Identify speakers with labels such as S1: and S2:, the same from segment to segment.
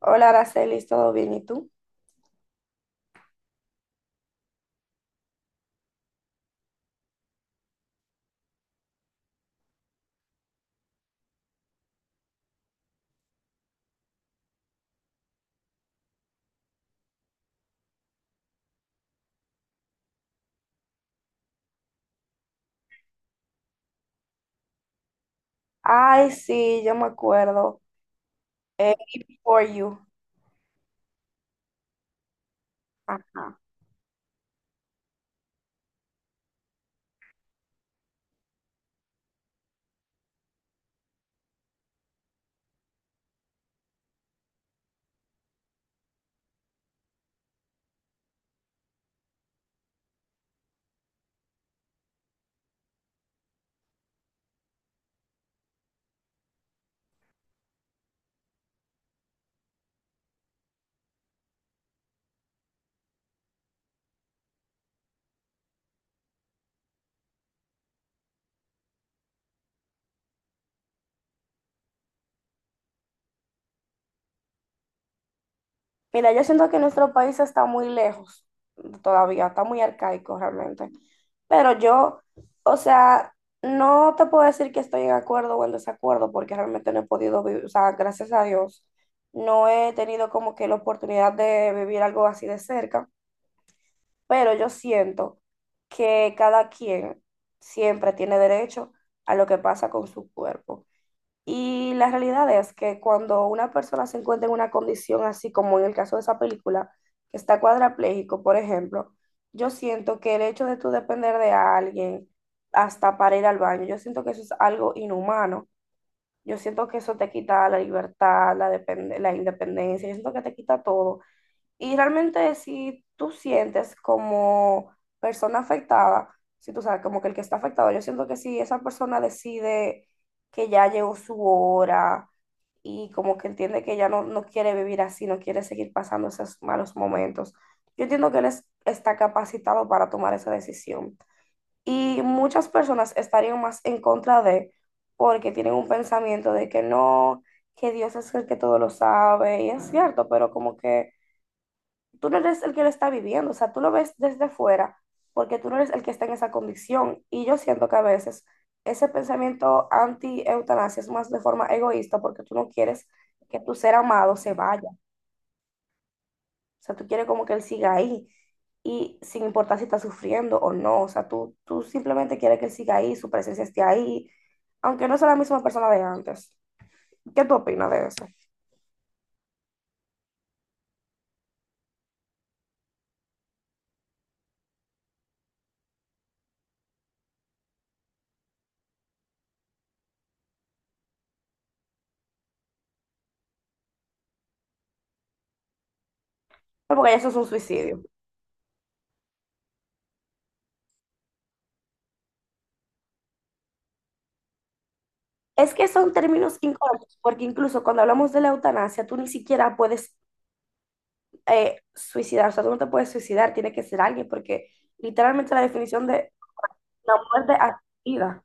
S1: Hola, Araceli, ¿todo bien? ¿Y tú? Ay, sí, yo me acuerdo. Eh, For you. Ajá. Mira, yo siento que nuestro país está muy lejos todavía, está muy arcaico realmente. Pero yo, o sea, no te puedo decir que estoy en acuerdo o en desacuerdo porque realmente no he podido vivir, o sea, gracias a Dios, no he tenido como que la oportunidad de vivir algo así de cerca. Pero yo siento que cada quien siempre tiene derecho a lo que pasa con su cuerpo. Y la realidad es que cuando una persona se encuentra en una condición así como en el caso de esa película, que está cuadrapléjico, por ejemplo, yo siento que el hecho de tú depender de alguien hasta para ir al baño, yo siento que eso es algo inhumano. Yo siento que eso te quita la libertad, depende- la independencia, yo siento que te quita todo. Y realmente si tú sientes como persona afectada, si tú sabes como que el que está afectado, yo siento que si esa persona decide que ya llegó su hora y como que entiende que ya no, no quiere vivir así, no quiere seguir pasando esos malos momentos, yo entiendo que está capacitado para tomar esa decisión. Y muchas personas estarían más en contra de porque tienen un pensamiento de que no, que Dios es el que todo lo sabe, y es cierto, pero como que tú no eres el que lo está viviendo, o sea, tú lo ves desde fuera porque tú no eres el que está en esa condición. Y yo siento que a veces ese pensamiento anti-eutanasia es más de forma egoísta porque tú no quieres que tu ser amado se vaya, o sea, tú quieres como que él siga ahí y sin importar si está sufriendo o no, o sea, tú simplemente quieres que él siga ahí, su presencia esté ahí, aunque no sea la misma persona de antes. ¿Qué tú opinas de eso? Porque eso es un suicidio. Es que son términos incómodos, porque incluso cuando hablamos de la eutanasia, tú ni siquiera puedes suicidar, o sea, tú no te puedes suicidar, tiene que ser alguien, porque literalmente la definición de la muerte asistida.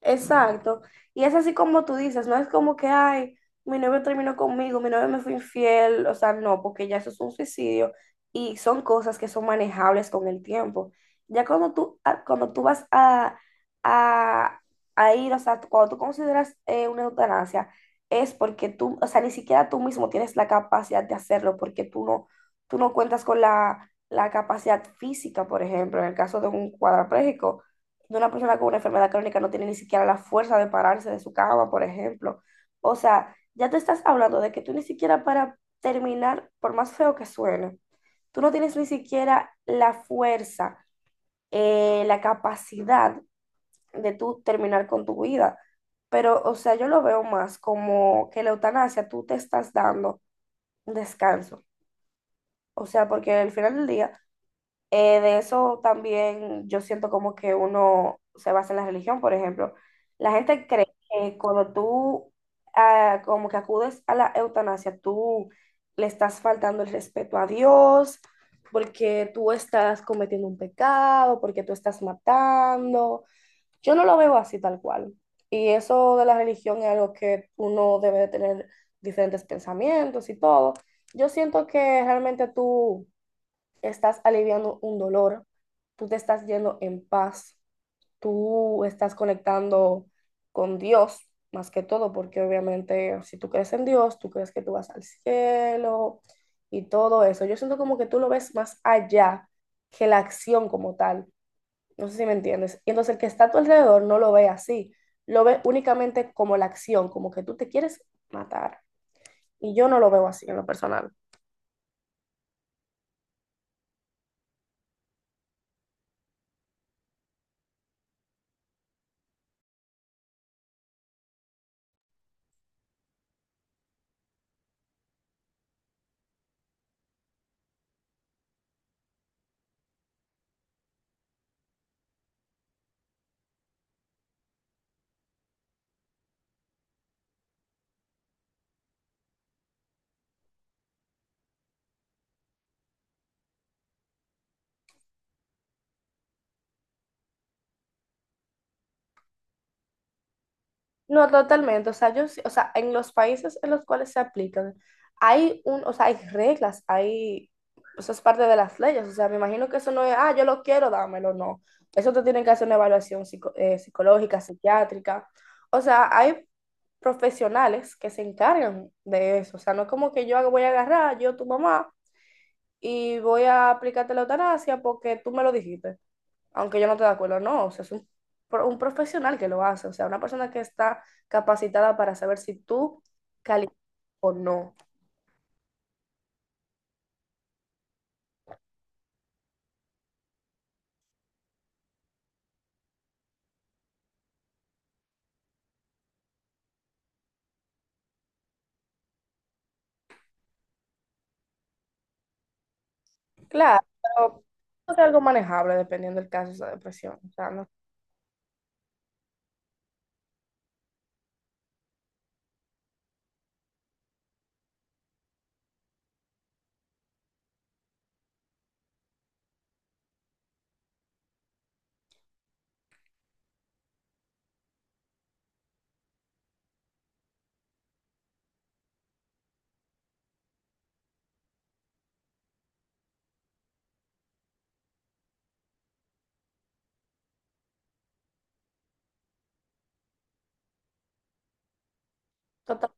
S1: Exacto. Y es así como tú dices, no es como que, ay, mi novio terminó conmigo, mi novio me fue infiel, o sea, no, porque ya eso es un suicidio y son cosas que son manejables con el tiempo. Ya cuando tú, a- cuando tú vas a, a ir, o sea, cuando tú consideras una eutanasia, es porque tú, o sea, ni siquiera tú mismo tienes la capacidad de hacerlo, porque tú no cuentas con la capacidad física, por ejemplo, en el caso de un cuadrapléjico de una persona con una enfermedad crónica no tiene ni siquiera la fuerza de pararse de su cama, por ejemplo. O sea, ya te estás hablando de que tú ni siquiera para terminar, por más feo que suene, tú no tienes ni siquiera la fuerza, la capacidad de tú terminar con tu vida. Pero, o sea, yo lo veo más como que la eutanasia tú te estás dando un descanso. O sea, porque al final del día de eso también yo siento como que uno se basa en la religión, por ejemplo. La gente cree que cuando tú como que acudes a la eutanasia, tú le estás faltando el respeto a Dios, porque tú estás cometiendo un pecado, porque tú estás matando. Yo no lo veo así tal cual. Y eso de la religión es algo que uno debe de tener diferentes pensamientos y todo. Yo siento que realmente tú estás aliviando un dolor, tú te estás yendo en paz, tú estás conectando con Dios más que todo, porque obviamente si tú crees en Dios, tú crees que tú vas al cielo y todo eso. Yo siento como que tú lo ves más allá que la acción como tal. No sé si me entiendes. Y entonces el que está a tu alrededor no lo ve así, lo ve únicamente como la acción, como que tú te quieres matar. Y yo no lo veo así en lo personal. No, totalmente. O sea, o sea, en los países en los cuales se aplican, o sea, eso es parte de las leyes. O sea, me imagino que eso no es, ah, yo lo quiero, dámelo, no. Eso te tienen que hacer una evaluación psicológica, psiquiátrica. O sea, hay profesionales que se encargan de eso. O sea, no es como que yo voy a agarrar, yo tu mamá, y voy a aplicarte la eutanasia porque tú me lo dijiste aunque yo no estoy de acuerdo, no, o sea, un profesional que lo hace, o sea, una persona que está capacitada para saber si tú calificas o no. Claro, pero es algo manejable dependiendo del caso de esa depresión. O sea, no, total-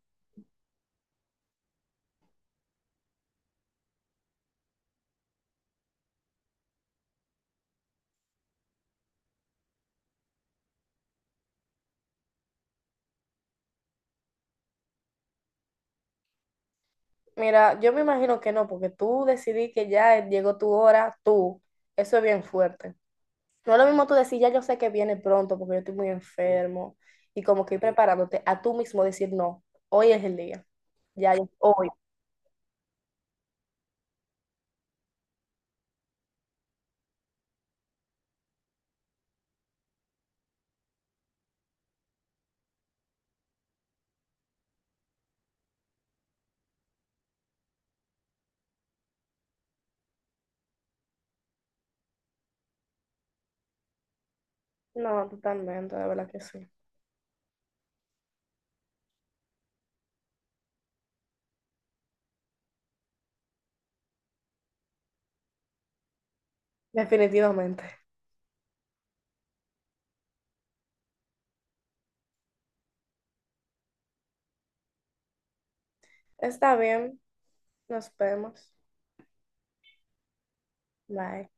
S1: mira, yo me imagino que no, porque tú decidí que ya llegó tu hora, tú, eso es bien fuerte. No es lo mismo tú decir, ya yo sé que viene pronto porque yo estoy muy enfermo y como que ir preparándote a tú mismo decir, no, hoy es el día, ya, hoy. No, totalmente, de verdad que sí. Definitivamente. Está bien, nos vemos. Bye.